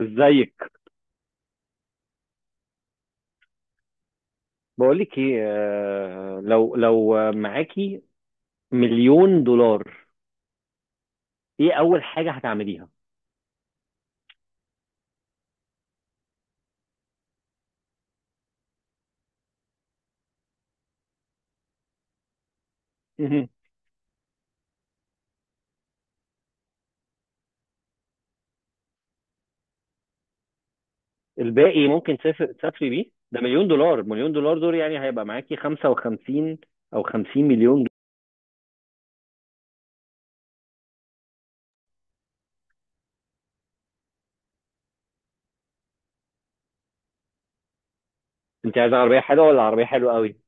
ازيك؟ بقولك ايه، لو معاكي مليون دولار، ايه اول حاجه هتعمليها؟ مهم. الباقي ممكن تسافري بيه. ده مليون دولار، مليون دولار دول يعني هيبقى معاكي 55 او 50 مليون جنيه. انت عايزه عربيه حلوه ولا عربيه حلوه قوي؟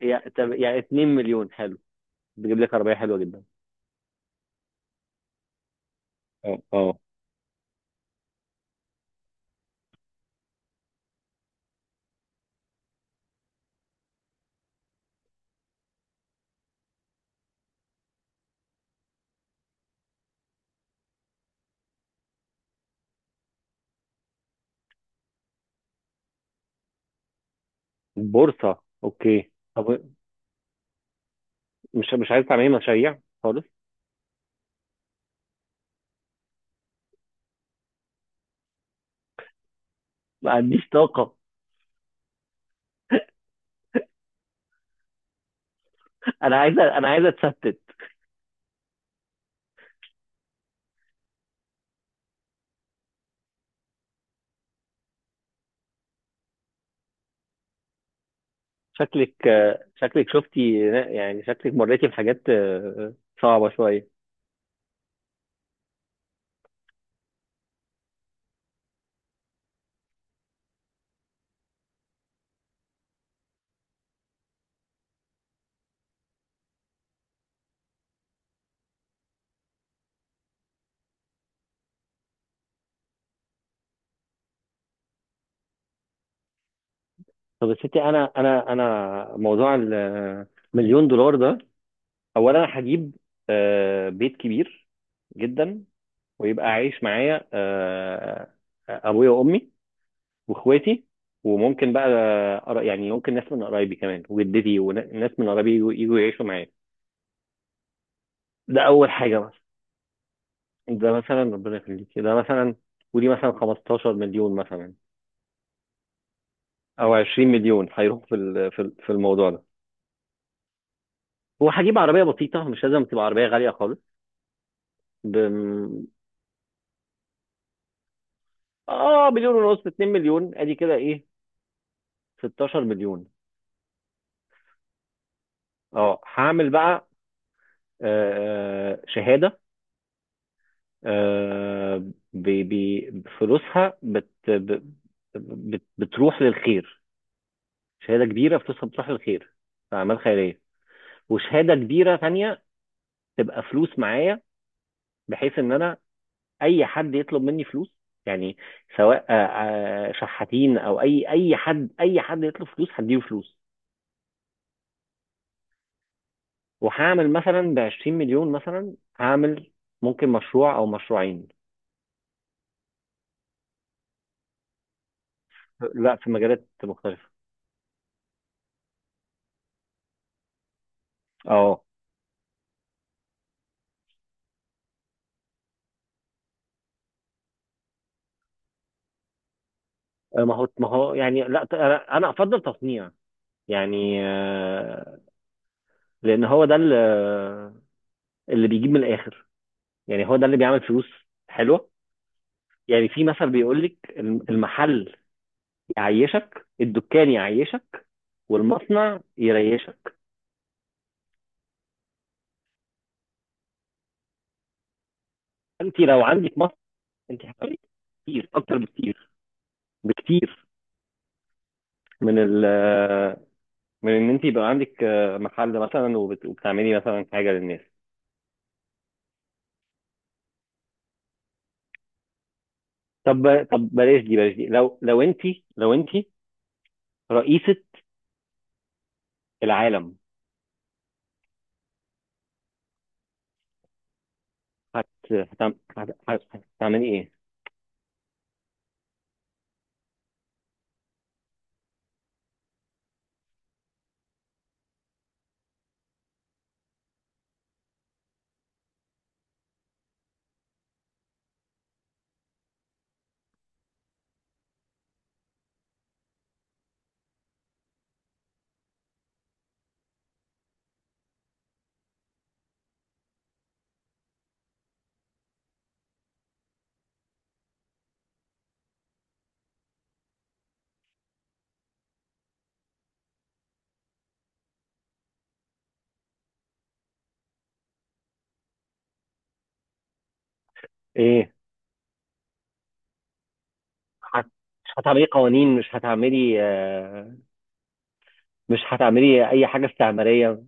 يعني طب، يعني 2 مليون حلو، بتجيب لك عربيه حلوه جدا. اه، اه. بورصه، اوكي، طب. مش عايزه تعملي مشاريع خالص؟ ما عنديش طاقه. انا عايزه اتستت. شكلك شكلك شفتي. يعني شكلك مريتي بحاجات صعبة شوية. طب يا ستي، أنا موضوع المليون دولار ده، أولا أنا هجيب بيت كبير جدا. ويبقى عايش معايا أبويا وأمي وإخواتي، وممكن بقى يعني ممكن ناس من قرايبي كمان، وجدتي وناس من قرايبي يجوا يعيشوا معايا. ده أول حاجة مثلا. ده مثلا ربنا يخليك، ده مثلا. ودي مثلا 15 مليون مثلا، او 20 مليون هيروح في الموضوع ده. هو هجيب عربيه بسيطه، مش لازم تبقى عربيه غاليه خالص. ب... اه مليون ونص، 2 مليون، ادي كده ايه؟ 16 مليون. اه هعمل بقى شهاده، آه فلوسها بتروح للخير. شهاده كبيره فلوسها بتروح للخير، في اعمال خيريه. وشهاده كبيره ثانيه تبقى فلوس معايا، بحيث ان انا اي حد يطلب مني فلوس، يعني سواء شحاتين او اي حد يطلب فلوس هديله فلوس. وهعمل مثلا ب 20 مليون، مثلا هعمل ممكن مشروع او مشروعين. لا، في مجالات مختلفه. اه ما هو يعني لا، أنا افضل تصنيع. يعني لان هو ده اللي بيجيب من الاخر. يعني هو ده اللي بيعمل فلوس حلوه. يعني في مثل بيقول لك، المحل يعيشك، الدكان يعيشك، والمصنع يريشك. انت لو عندك مصنع، انت هتعملي كتير، اكتر بكتير بكتير، من ال من ان انت يبقى عندك محل مثلا وبتعملي مثلا حاجه للناس. طب، طب بلاش دي بلاش دي، لو انت رئيسه العالم، هت هتعم- هت- هت- هتعملي ايه؟ ايه؟ هت- مش هتعملي قوانين، مش هتعملي اي حاجه استعماريه؟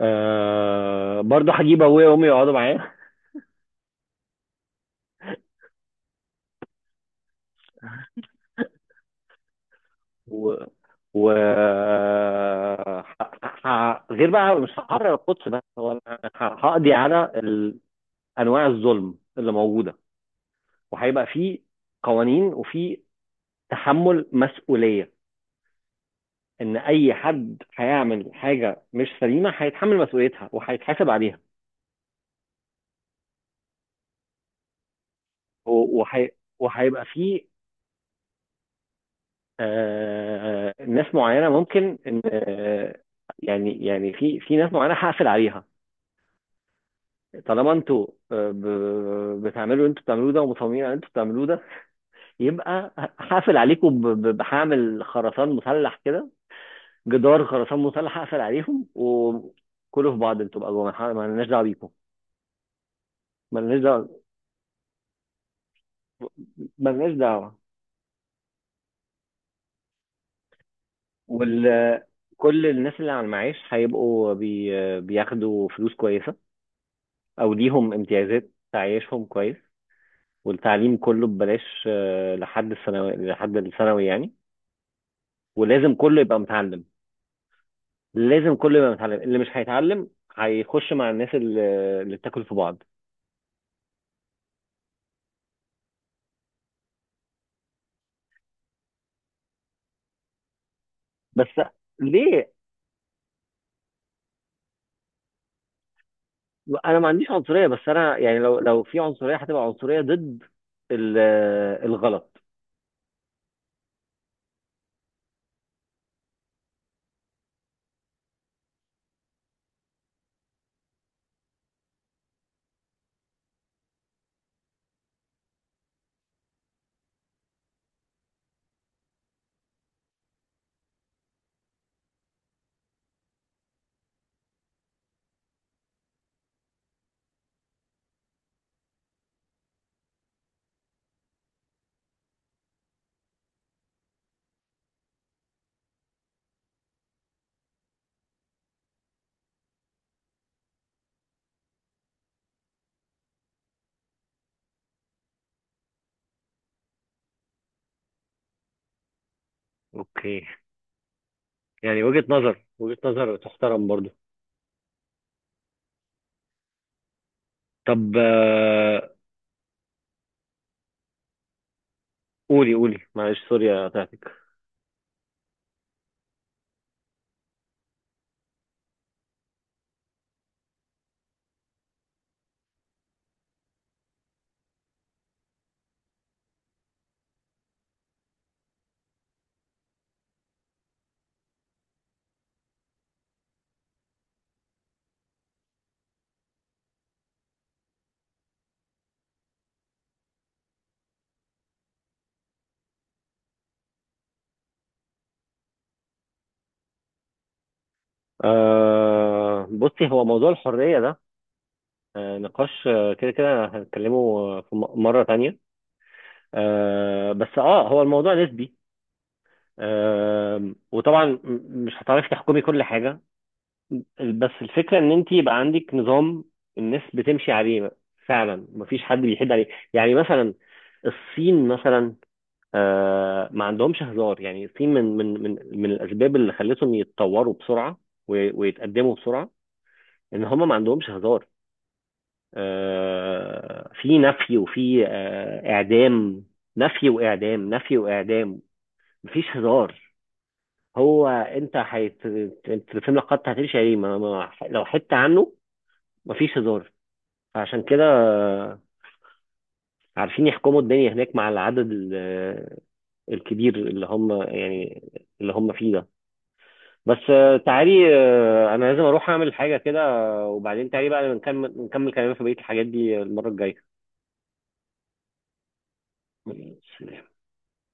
برضه هجيب ابويا وامي يقعدوا معايا. و و غير بقى، مش هحرر القدس بس، هو أنا هقضي على انواع الظلم اللي موجوده. وهيبقى في قوانين، وفي تحمل مسؤوليه. ان اي حد هيعمل حاجه مش سليمه هيتحمل مسؤوليتها، وهيتحاسب عليها. و- وهي- وهيبقى في ناس معينه ممكن ان يعني في ناس معينه هقفل عليها. طالما انتوا بتعملوا انتوا بتعملوه ده، ومصممين على انتوا بتعملوه ده، يبقى هقفل عليكم، بهعمل خرسان مسلح كده. جدار خرسان مسلح هقفل عليهم وكلوا في بعض. انتوا بقى جوه، ما لناش دعوه بيكم. ما لناش دعوه، ما لناش دعوه. وال كل الناس اللي على المعاش هيبقوا بياخدوا فلوس كويسه، او ليهم امتيازات تعيشهم كويس. والتعليم كله ببلاش لحد الثانوي، لحد الثانوي يعني، ولازم كله يبقى متعلم. لازم كل ما يتعلم، اللي مش هيتعلم هيخش مع الناس اللي بتاكل في بعض. بس ليه؟ انا ما عنديش عنصريه، بس انا يعني لو في عنصريه، هتبقى عنصريه ضد ال- الغلط. اوكي، يعني وجهة نظر، وجهة نظر تحترم برضو. طب، قولي قولي، معلش سوري قطعتك. بصي، هو موضوع الحرية ده نقاش، كده كده هنتكلمه في مرة تانية. بس هو الموضوع نسبي. وطبعا مش هتعرفي تحكمي كل حاجه. بس الفكره ان انت يبقى عندك نظام الناس بتمشي عليه، فعلا مفيش حد بيحد عليه. يعني مثلا، الصين مثلا ما عندهمش هزار. يعني الصين من الاسباب اللي خلتهم يتطوروا بسرعه، ويتقدموا بسرعه، ان هم ما عندهمش هزار. في نفي، وفي اعدام. نفي واعدام، نفي واعدام. مفيش هزار. هو انت انت الفيلم لو قطع هتمشي عليه، ما... ما... لو حتة عنه. مفيش هزار. فعشان كده عارفين يحكموا الدنيا هناك، مع العدد الكبير اللي هم يعني اللي هم فيه ده. بس تعالي، انا لازم اروح اعمل حاجة كده، وبعدين تعالي بقى نكمل كلامنا في بقية الحاجات دي المرة الجاية.